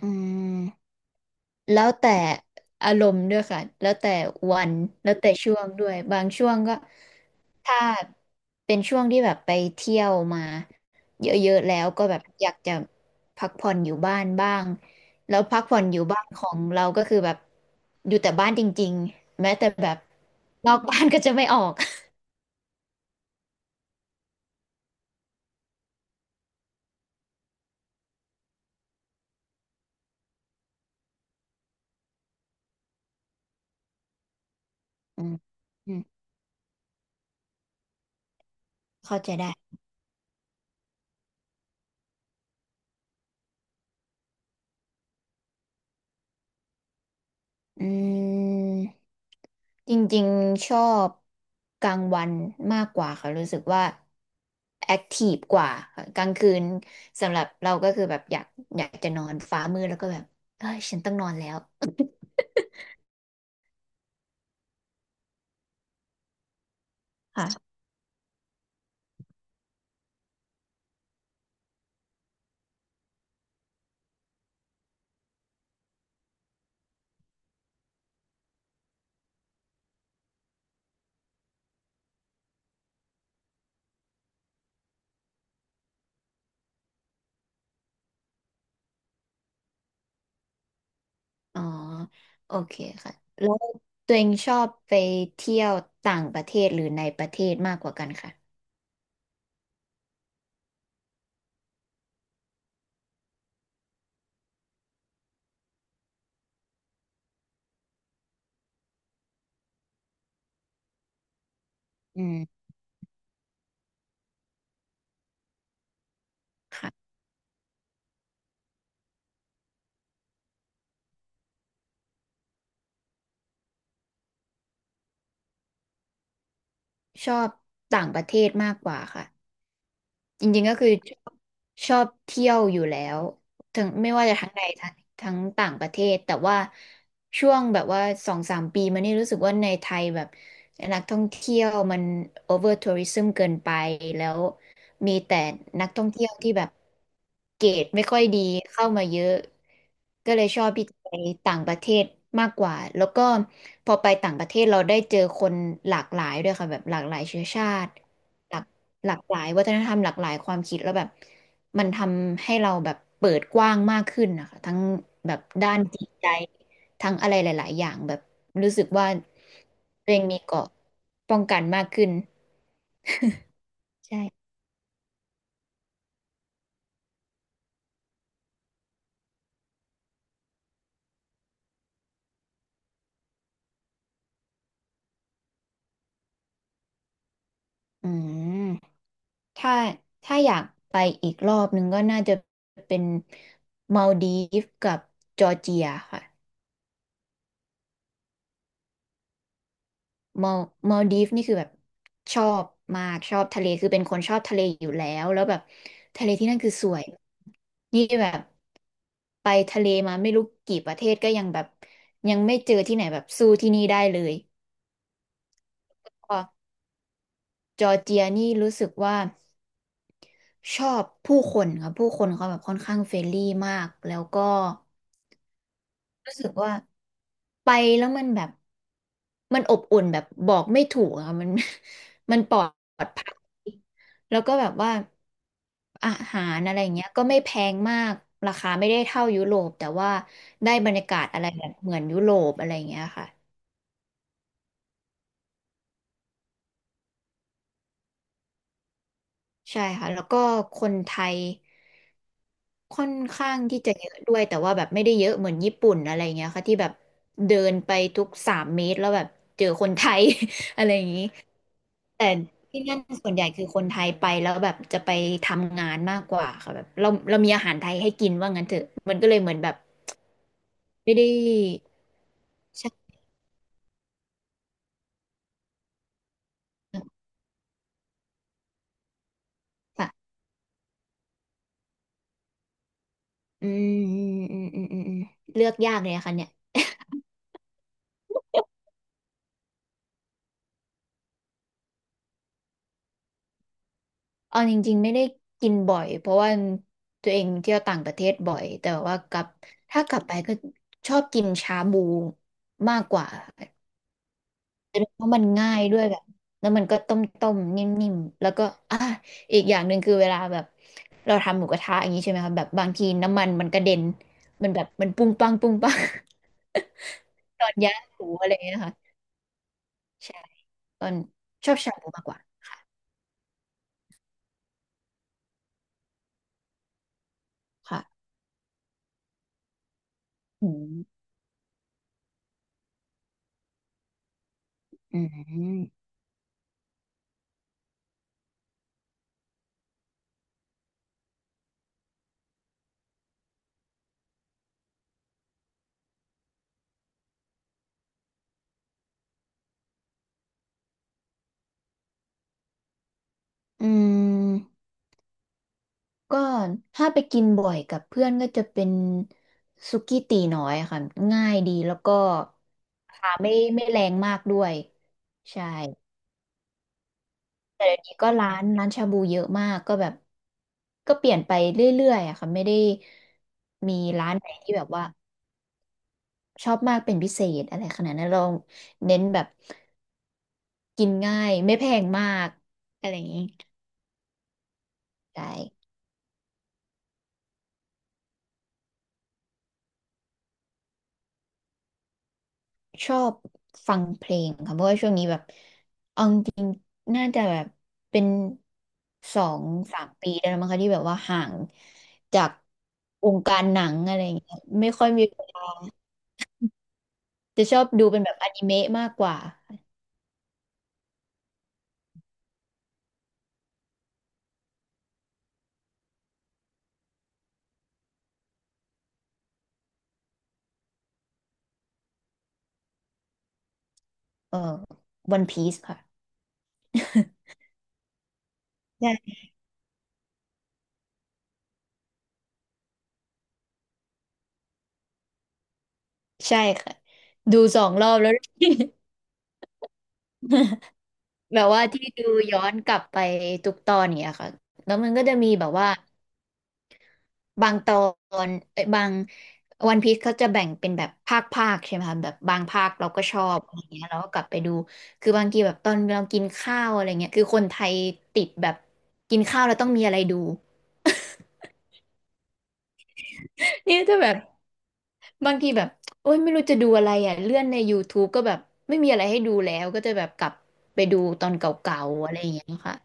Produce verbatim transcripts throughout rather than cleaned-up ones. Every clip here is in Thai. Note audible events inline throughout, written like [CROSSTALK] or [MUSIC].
อืมแล้วแต่อารมณ์ด้วยค่ะแล้วแต่วันแล้วแต่ช่วงด้วยบางช่วงก็ถ้าเป็นช่วงที่แบบไปเที่ยวมาเยอะๆแล้วก็แบบอยากจะพักผ่อนอยู่บ้านบ้างแล้วพักผ่อนอยู่บ้านของเราก็คือแบบอยู่แต่บ้านจริงๆแม้แต่แบบนอกบ้านก็จะไม่ออก [LAUGHS] อืมอืมเข้าใจได้ อืมจริงๆชอบกลางวันมากกว่าค่ะรู้สึกว่าแอคทีฟกว่าค่ะกลางคืนสำหรับเราก็คือแบบอยากอยากจะนอนฟ้ามืดแล้วก็แบบเอ้ยฉันต้องนอนแล้วค่ะอ๋อโอเคค่ะแล้วตัวเองชอบไปเที่ยวต่างประเทศหรือในประเทศมากกว่ากันค่ะอืมค่ะชอบต่างประเทศมากกว่าค่ะ จริงๆก็คือชอบชอบเที่ยวอยู่แล้วทั้งไม่ว่าจะทั้งในทั้งทั้งต่างประเทศแต่ว่าช่วงแบบว่าสองสามปีมานี่รู้สึกว่าในไทยแบบ นักท่องเที่ยวมันโอเวอร์ทัวริึมเกินไปแล้วมีแต่นักท่องเที่ยวที่แบบเกรดไม่ค่อยดีเข้ามาเยอะก็เลยชอบที่จะไปต่างประเทศมากกว่าแล้วก็พอไปต่างประเทศเราได้เจอคนหลากหลายด้วยค่ะแบบหลากหลายเชื้อชาติหลากหลากหลายวัฒนธรรมหลากหลายความคิดแล้วแบบมันทำให้เราแบบเปิดกว้างมากขึ้นนะคะทั้งแบบด้านจิตใจ ทั้งอะไรหลายๆอย่างแบบรู้สึกว่าตัวเองมีเกราะป้องกันมากขึ้นใช่อืมถ้าถ้าอยากไปอีกรอบหนึ่งก็น่าจะเป็นมัลดีฟกับจอร์เจียค่ะมัลมัลดีฟนี่คือแบบชอบมากชอบทะเลคือเป็นคนชอบทะเลอยู่แล้วแล้วแบบทะเลที่นั่นคือสวยนี่แบบไปทะเลมาไม่รู้กี่ประเทศก็ยังแบบยังไม่เจอที่ไหนแบบสู้ที่นี่ได้เลย จอร์เจียนี่รู้สึกว่าชอบผู้คนครับผู้คนเขาแบบค่อนข้างเฟรนลี่มากแล้วก็รู้สึกว่าไปแล้วมันแบบมันอบอุ่นแบบบอกไม่ถูกอะมัน [LAUGHS] มันปลอดภัยแล้วก็แบบว่าอาหารอะไรอย่างเงี้ยก็ไม่แพงมากราคาไม่ได้เท่ายุโรปแต่ว่าได้บรรยากาศอะไรแบบเหมือนยุโรปอะไรอย่างเงี้ยค่ะใช่ค่ะแล้วก็คนไทย ค่อนข้างที่จะเยอะด้วยแต่ว่าแบบไม่ได้เยอะเหมือนญี่ปุ่นอะไรเงี้ยค่ะที่แบบเดินไปทุกสามเมตรแล้วแบบเจอคนไทย [LAUGHS] อะไรอย่างนี้แต่ที่นั่นส่วนใหญ่คือคนไทยไปแล้วแบบจะไปทำงานมากกว่าค่ะแบบเราเรามีอาหารไทยให้กินว่างั้นเถอะมันก็เลยเหมือนแบบไม่ได้ใช่ค่ะอืมอืมอืมอืมอืมอืมเลือกยากเลยอะค่ะเนี่ย เอาจริงๆไม่ได้กินบ่อยเพราะว่าตัวเองเที่ยวต่างประเทศบ่อยแต่ว่ากลับถ้ากลับไปก็ชอบกินชาบูมากกว่าเพราะมันง่ายด้วยแบบแล้วมันก็ต้มๆนิ่มๆแล้วก็อ่ะอีกอย่างหนึ่งคือเวลาแบบเราทำหมูกระทะอย่างนี้ใช่ไหมคะแบบบางทีน้ำมันมันกระเด็นมันแบบมันปุ้งปังปุ้งปัง [LAUGHS] ตอนย่างหมูอะไรอย่างเงี้ยค่ะใช่ตอนชอบชาบูมากกว่าค่ะค่ะอืมอืมอืม ก็ถ้าไปกินบ่อยกับเพื่อนก็จะเป็นสุกี้ตีน้อยค่ะง่ายดีแล้วก็ราคาไม่ไม่แรงมากด้วยใช่แต่เดี๋ยวนี้ก็ร้านร้านชาบูเยอะมากก็แบบก็เปลี่ยนไปเรื่อยๆอะค่ะไม่ได้มีร้านไหนที่แบบว่าชอบมากเป็นพิเศษอะไรขนาดนั้นเราเน้นแบบกินง่ายไม่แพงมากอะไรอย่างนี้ใช่ชอบฟังเพลงค่ะเพราะว่าช่วงนี้แบบ น่าจะแบบเป็นสองสามปีได้แล้วมั้งคะที่แบบว่าห่างจากวงการหนังอะไรอย่างเงี้ยไม่ค่อยมีเวลาจะชอบดูเป็นแบบอนิเมะมากกว่าเออวันพีซค่ะใช่ใช่ค่ะดูสองรอบแล้ว [LAUGHS] แบบว่าที่ดูย้อนกลับไปทุกตอนเนี่ยค่ะแล้วมันก็จะมีแบบว่า บางตอนเอ้ยบางวันพีซเขาจะแบ่งเป็นแบบภาคภาคใช่ไหมคะแบบบางภาคเราก็ชอบอะไรเงี้ยเราก็กลับไปดูคือบางทีแบบตอนเรากินข้าวอะไรเงี้ยคือคนไทยติดแบบกินข้าวแล้วต้องมีอะไรดู [LAUGHS] เนี่ยจะแบบบางทีแบบโอ๊ยไม่รู้จะดูอะไรอ่ะเลื่อนใน ยูทูบ ก็แบบไม่มีอะไรให้ดูแล้วก็จะแบบกลับไปดูตอนเก่าๆอะไรอย่างเงี้ยค่ะ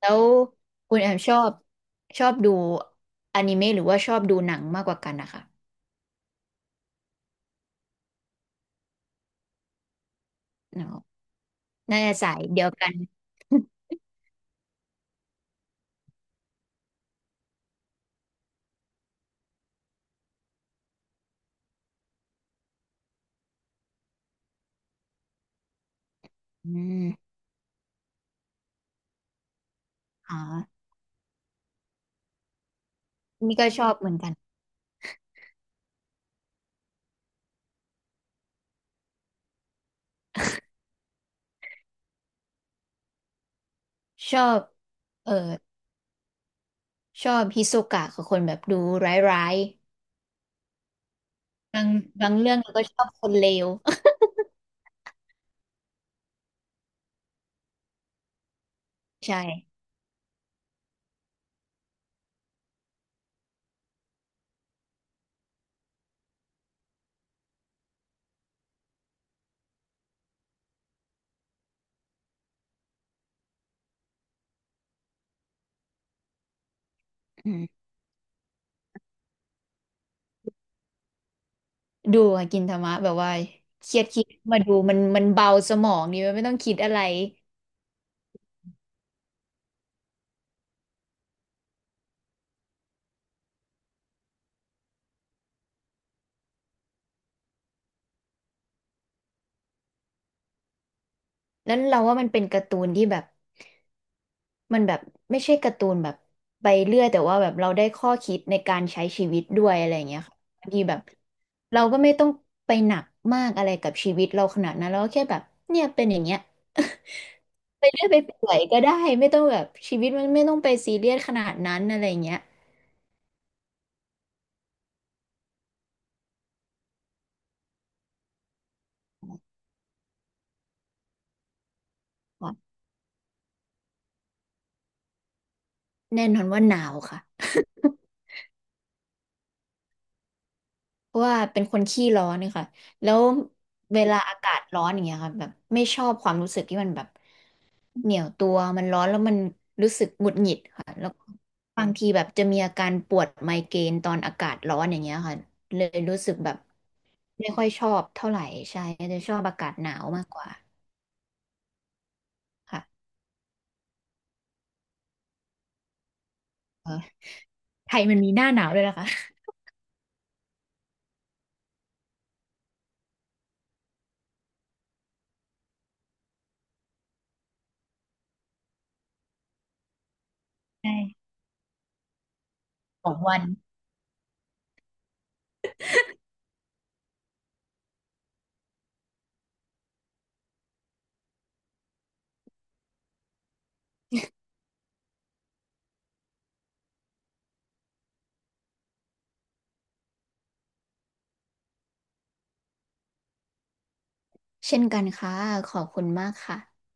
แล้วคุณแอมชอบชอบดูอนิเมะหรือว่าชอบดูหนังมากกว่ากันนะคะอ๋อ น่าจะสายเดียวกันอืมอ๋อนี่ก็ชอบเหมือนกัน ชอบ เออชอบฮิโซกะคือคนแบบดูร้ายๆบางบางเรื่องเราก็ชอบคนเลว [LAUGHS] ใช่อืมดูอะกินธรรมะแบบว่าเครียดคิดมาดูมันมันเบาสมองดีมันไม่ต้องคิดอะไรแล้วเราว่ามันเป็นการ์ตูนที่แบบ มันแบบไม่ใช่การ์ตูนแบบไปเรื่อยแต่ว่าแบบเราได้ข้อคิดในการใช้ชีวิตด้วยอะไรอย่างเงี้ยค่ะบางทีแบบเราก็ไม่ต้องไปหนักมากอะไรกับชีวิตเราขนาดนั้นเราก็แค่แบบเนี่ยเป็นอย่างเงี้ย [LAUGHS] ไปเรื่อยไปเปื่อยก็ได้ไม่ต้องแบบชีวิตมันไม่ต้องไปซีเรียสขนาดนั้นอะไรอย่างเงี้ยค่ะแน่นอนว่าหนาวค่ะเพราะว่าเป็นคนขี้ร้อนนะคะแล้วเวลาอากาศร้อนอย่างเงี้ยค่ะแบบไม่ชอบความรู้สึกที่มันแบบ เหนียวตัวมันร้อนแล้วมันรู้สึกหงุดหงิดค่ะแล้วบางทีแบบจะมีอาการปวดไมเกรนตอนอากาศร้อนอย่างเงี้ยค่ะเลยรู้สึกแบบไม่ค่อยชอบเท่าไหร่ใช่จะชอบอากาศหนาวมากกว่าค่ะเออไทยมันมีหน้าหนาวด้วยนะคะใช่สองวันเช่นกันค่ะขอบคุณมากค่ะ